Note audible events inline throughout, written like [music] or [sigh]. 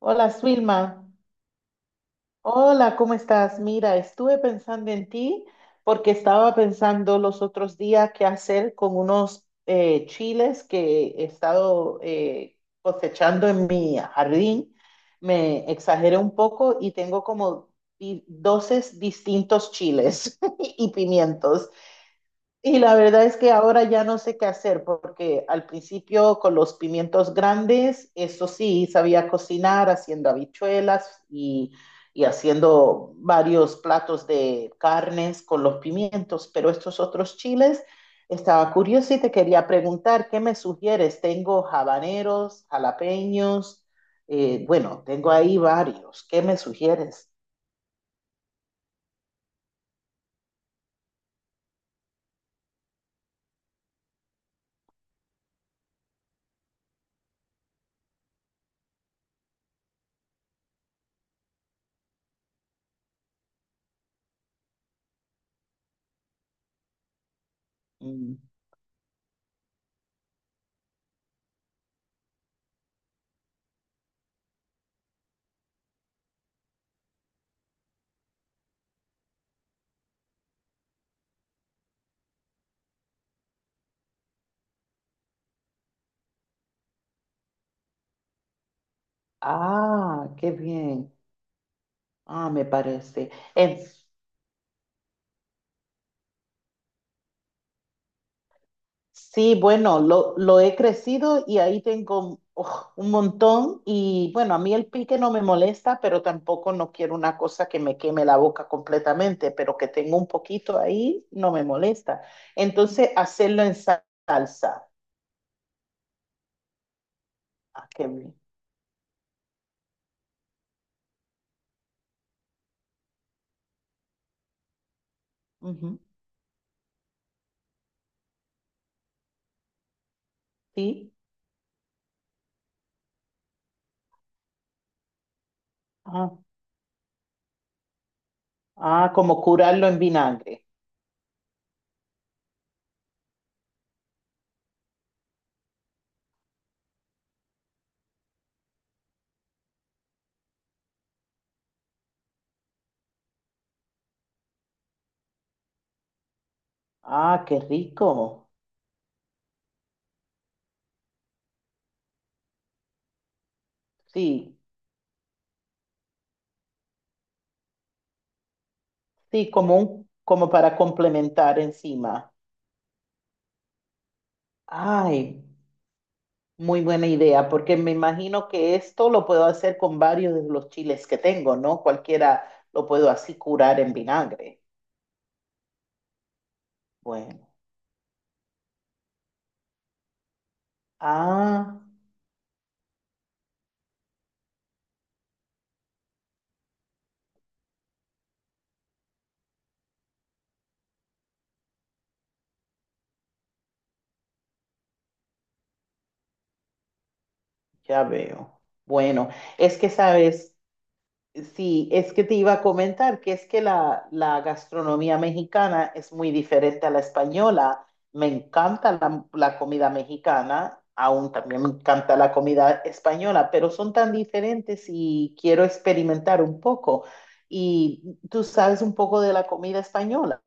Hola, Swilma. Hola, ¿cómo estás? Mira, estuve pensando en ti porque estaba pensando los otros días qué hacer con unos chiles que he estado cosechando en mi jardín. Me exageré un poco y tengo como 12 distintos chiles [laughs] y pimientos. Y la verdad es que ahora ya no sé qué hacer, porque al principio con los pimientos grandes, eso sí, sabía cocinar haciendo habichuelas y haciendo varios platos de carnes con los pimientos, pero estos otros chiles, estaba curiosa y te quería preguntar, ¿qué me sugieres? Tengo habaneros, jalapeños, bueno, tengo ahí varios, ¿qué me sugieres? Mm. Ah, qué bien, ah, me parece. En Sí, bueno, lo he crecido y ahí tengo uf, un montón y bueno, a mí el pique no me molesta, pero tampoco no quiero una cosa que me queme la boca completamente, pero que tengo un poquito ahí no me molesta. Entonces, hacerlo en salsa. Ah, qué bien. Ujú. Sí. Ah, ah, como curarlo en vinagre. Ah, qué rico. Sí, sí, como un, como para complementar encima. Ay, muy buena idea, porque me imagino que esto lo puedo hacer con varios de los chiles que tengo, ¿no? Cualquiera lo puedo así curar en vinagre. Bueno, ah, ya veo. Bueno, es que sabes, sí, es que te iba a comentar que es que la gastronomía mexicana es muy diferente a la española. Me encanta la comida mexicana, aún también me encanta la comida española, pero son tan diferentes y quiero experimentar un poco. Y tú sabes un poco de la comida española,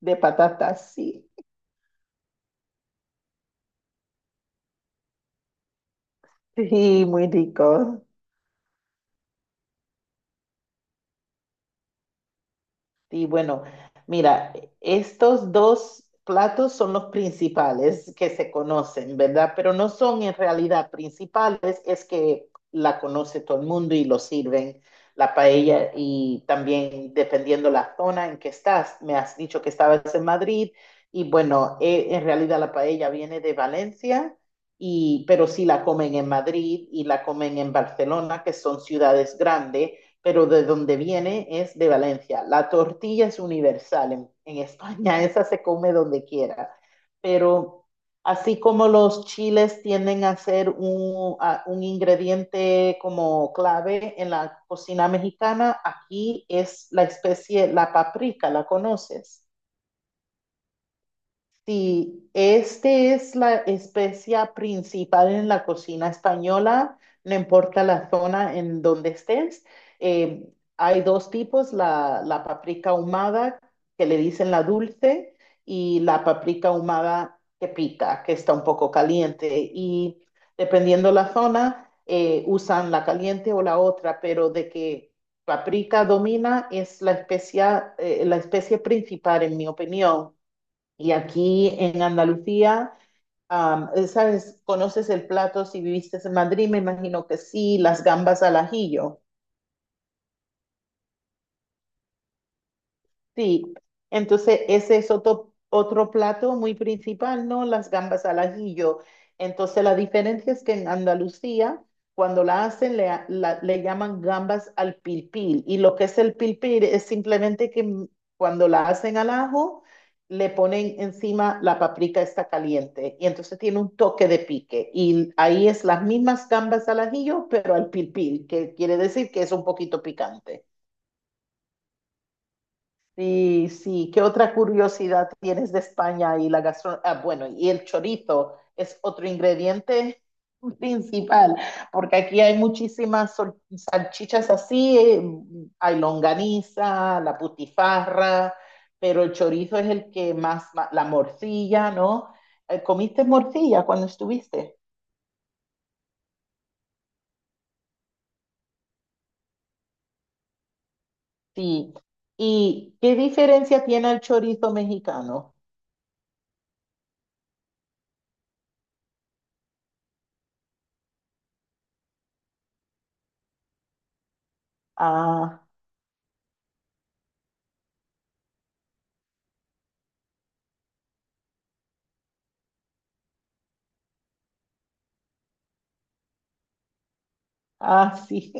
de patatas, sí. Sí, muy rico. Y bueno, mira, estos dos platos son los principales que se conocen, ¿verdad? Pero no son en realidad principales, es que la conoce todo el mundo y lo sirven la paella y también dependiendo la zona en que estás, me has dicho que estabas en Madrid y bueno, en realidad la paella viene de Valencia. Y, pero sí la comen en Madrid y la comen en Barcelona, que son ciudades grandes, pero de donde viene es de Valencia. La tortilla es universal en España, [laughs] esa se come donde quiera, pero así como los chiles tienden a ser un, un ingrediente como clave en la cocina mexicana, aquí es la especie, la paprika, ¿la conoces? Sí, este es la especia principal en la cocina española, no importa la zona en donde estés. Hay dos tipos, la paprika ahumada, que le dicen la dulce, y la paprika ahumada que pica, que está un poco caliente. Y dependiendo la zona, usan la caliente o la otra, pero de que paprika domina es la especia, la especie principal, en mi opinión. Y aquí en Andalucía, ¿sabes? ¿Conoces el plato si viviste en Madrid? Me imagino que sí, las gambas al ajillo. Sí, entonces ese es otro, otro plato muy principal, ¿no? Las gambas al ajillo. Entonces la diferencia es que en Andalucía, cuando la hacen, le, le llaman gambas al pilpil. Y lo que es el pilpil es simplemente que cuando la hacen al ajo, le ponen encima la paprika está caliente. Y entonces tiene un toque de pique. Y ahí es las mismas gambas al ajillo, pero al pilpil, que quiere decir que es un poquito picante. Sí, sí. ¿Qué otra curiosidad tienes de España y la gastronomía? Ah, bueno, y el chorizo es otro ingrediente [laughs] principal, porque aquí hay muchísimas salchichas así, hay longaniza, la putifarra, pero el chorizo es el que más, la morcilla, ¿no? ¿Comiste morcilla cuando estuviste? Sí. ¿Y qué diferencia tiene el chorizo mexicano? Ah, ah, sí,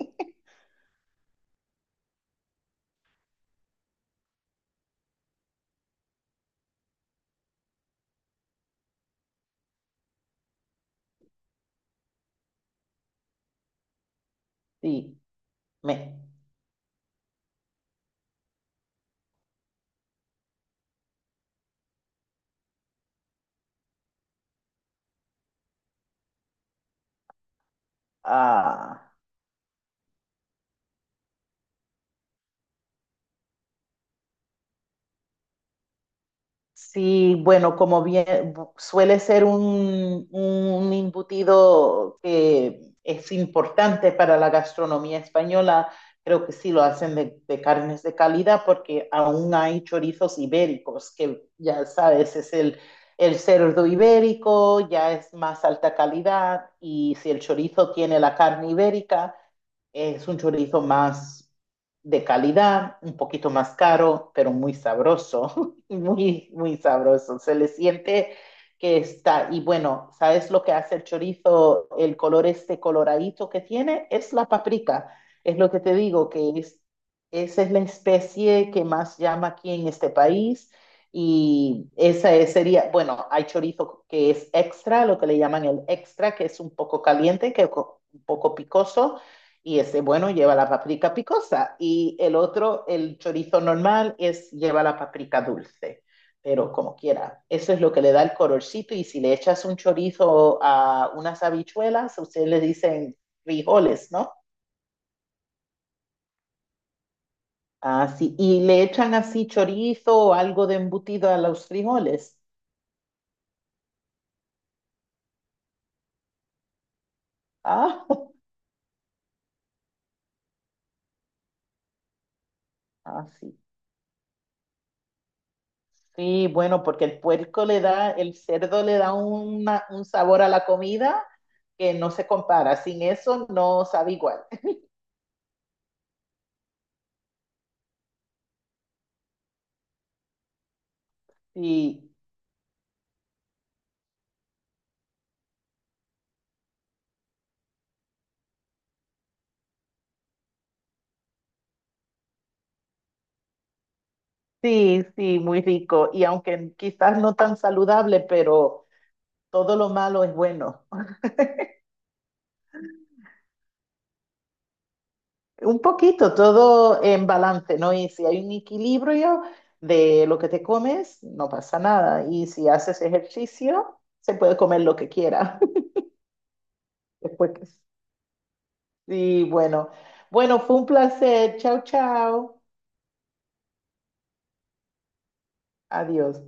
[laughs] sí. Me, ah, sí, bueno, como bien suele ser un embutido que es importante para la gastronomía española, creo que sí lo hacen de carnes de calidad porque aún hay chorizos ibéricos, que ya sabes, es el cerdo ibérico, ya es más alta calidad y si el chorizo tiene la carne ibérica. Es un chorizo más de calidad, un poquito más caro, pero muy sabroso, [laughs] muy, muy sabroso. Se le siente que está, y bueno, ¿sabes lo que hace el chorizo? El color este coloradito que tiene es la paprika. Es lo que te digo, que es, esa es la especie que más llama aquí en este país. Y sería, bueno, hay chorizo que es extra, lo que le llaman el extra, que es un poco caliente, que un poco picoso y ese bueno lleva la paprika picosa y el otro, el chorizo normal, es lleva la paprika dulce. Pero como quiera, eso es lo que le da el colorcito y si le echas un chorizo a unas habichuelas, ustedes le dicen frijoles, ¿no? Así, y le echan así chorizo o algo de embutido a los frijoles. Ah, [laughs] así. Sí, bueno, porque el puerco le da, el cerdo le da un sabor a la comida que no se compara. Sin eso no sabe igual. Sí, sí, muy rico. Y aunque quizás no tan saludable, pero todo lo malo es bueno. Un poquito, todo en balance, ¿no? Y si hay un equilibrio de lo que te comes, no pasa nada. Y si haces ejercicio, se puede comer lo que quiera. [laughs] Después que... Sí, bueno. Bueno, fue un placer. Chao, chao. Adiós.